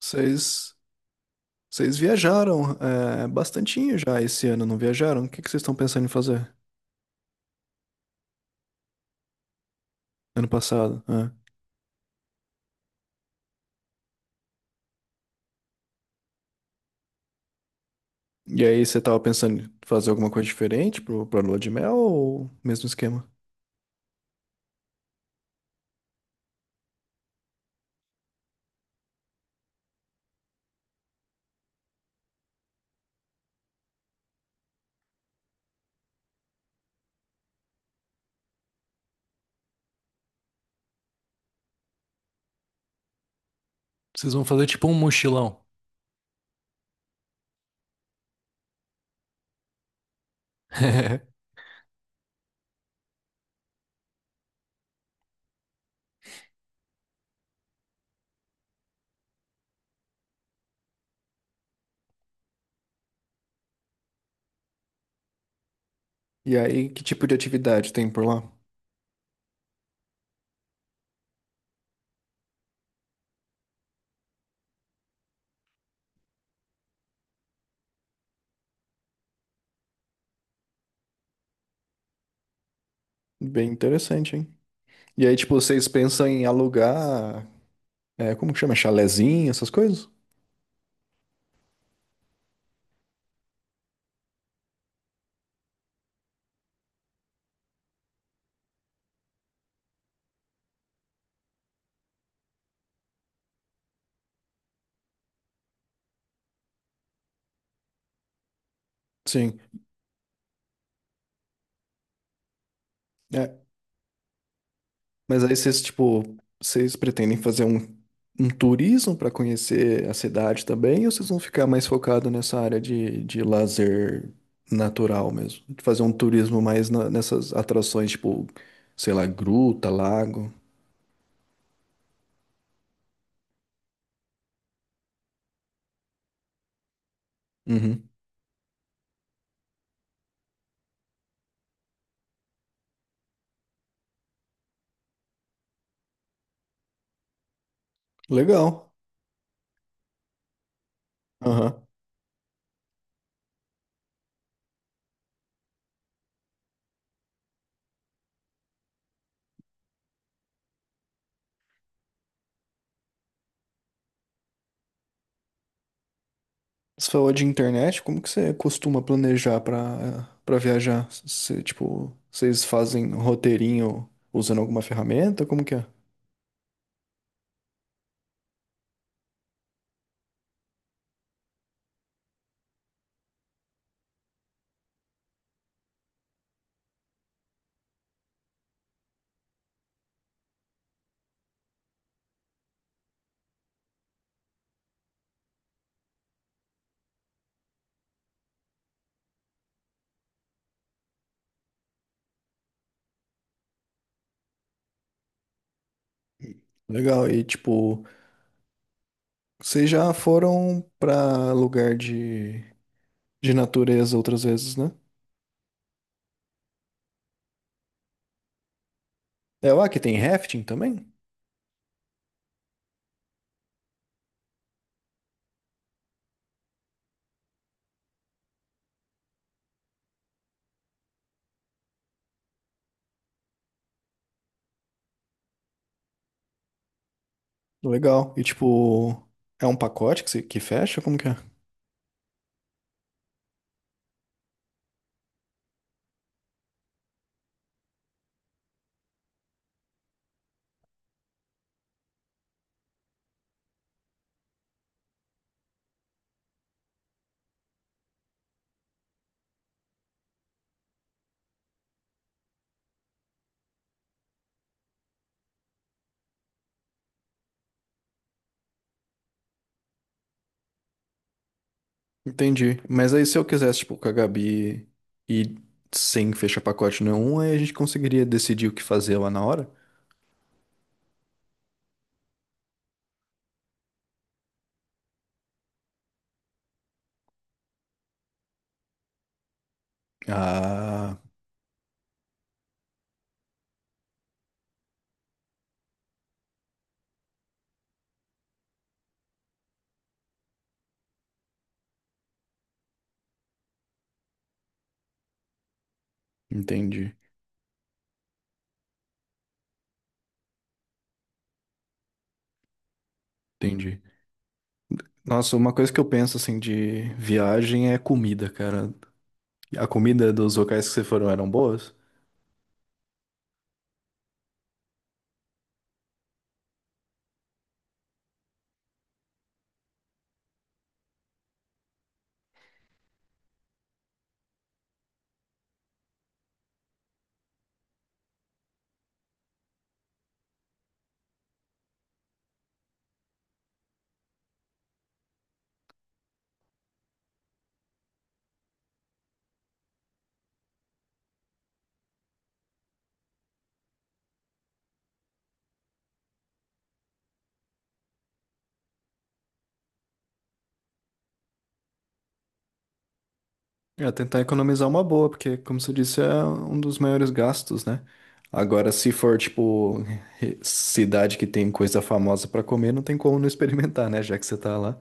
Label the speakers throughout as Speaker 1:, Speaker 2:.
Speaker 1: Vocês, vocês viajaram bastantinho já esse ano, não viajaram? O que que vocês estão pensando em fazer ano passado? Né? E aí, você tava pensando em fazer alguma coisa diferente pra lua de mel ou mesmo esquema? Vocês vão fazer tipo um mochilão. E aí, que tipo de atividade tem por lá? Bem interessante, hein? E aí, tipo, vocês pensam em alugar, como que chama? Chalezinho, essas coisas? Sim. É, mas aí vocês, tipo, vocês pretendem fazer um, um turismo para conhecer a cidade também, ou vocês vão ficar mais focado nessa área de lazer natural mesmo? De fazer um turismo mais na- nessas atrações, tipo, sei lá, gruta, lago. Uhum. Legal. Aham. Você falou de internet, como que você costuma planejar para viajar? Você, tipo, vocês fazem um roteirinho usando alguma ferramenta? Como que é? Legal. E tipo. Vocês já foram pra lugar de natureza outras vezes, né? É lá que tem rafting também? Legal. E tipo, é um pacote que, você- que fecha? Como que é? Entendi. Mas aí se eu quisesse, tipo, com a Gabi e sem fechar pacote nenhum, aí a gente conseguiria decidir o que fazer lá na hora? Ah, entendi, entendi. Nossa, uma coisa que eu penso assim de viagem é comida, cara. A comida dos locais que vocês foram eram boas? É, tentar economizar uma boa, porque, como você disse, é um dos maiores gastos, né? Agora, se for, tipo, cidade que tem coisa famosa pra comer, não tem como não experimentar, né? Já que você tá lá.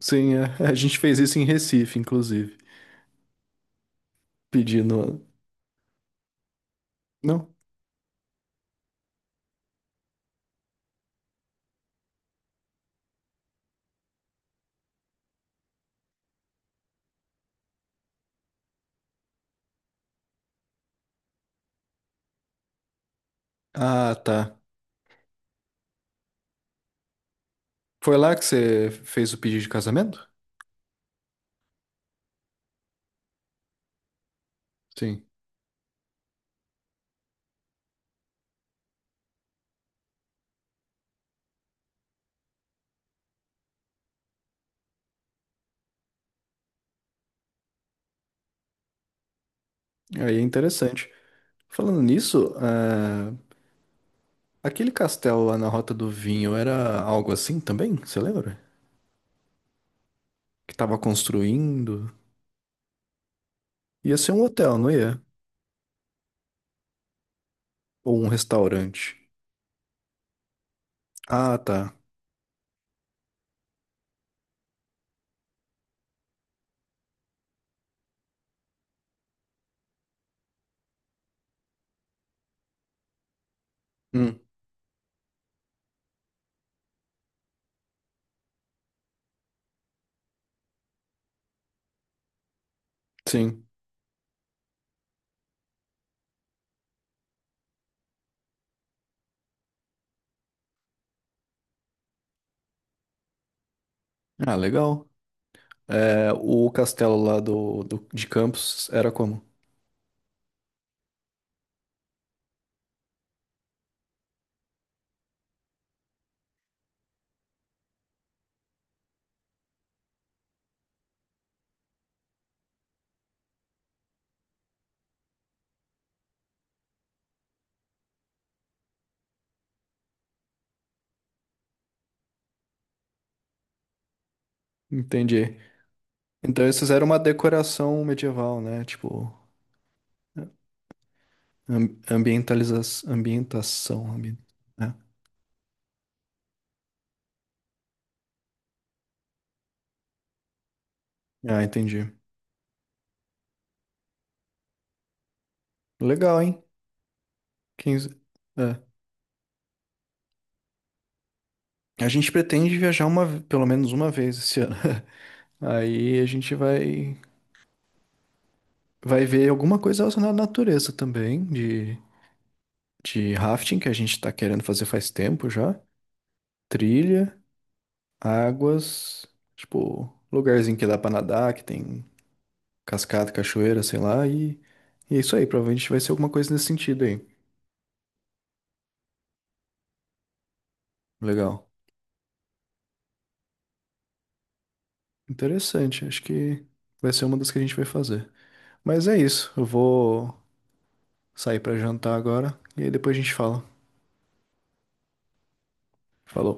Speaker 1: Sim, é, a gente fez isso em Recife, inclusive. Pedindo. Não? Ah, tá. Foi lá que você fez o pedido de casamento? Sim. Aí é interessante. Falando nisso, ah, aquele castelo lá na Rota do Vinho era algo assim também? Você lembra? Que tava construindo. Ia ser um hotel, não ia? Ou um restaurante? Ah, tá. Hum, sim. Ah, legal. É, o castelo lá do, de Campos era como? Entendi. Então esses eram uma decoração medieval, né? Tipo, ambientaliza ambientação. Né? Ah, entendi. Legal, hein? 15... É. A gente pretende viajar uma, pelo menos uma vez esse ano. Aí a gente vai, vai ver alguma coisa relacionada à natureza também, de rafting que a gente tá querendo fazer faz tempo já. Trilha, águas, tipo, lugarzinho que dá pra nadar, que tem cascata, cachoeira, sei lá, e é isso aí, provavelmente vai ser alguma coisa nesse sentido aí. Legal. Interessante, acho que vai ser uma das que a gente vai fazer. Mas é isso, eu vou sair pra jantar agora e aí depois a gente fala. Falou.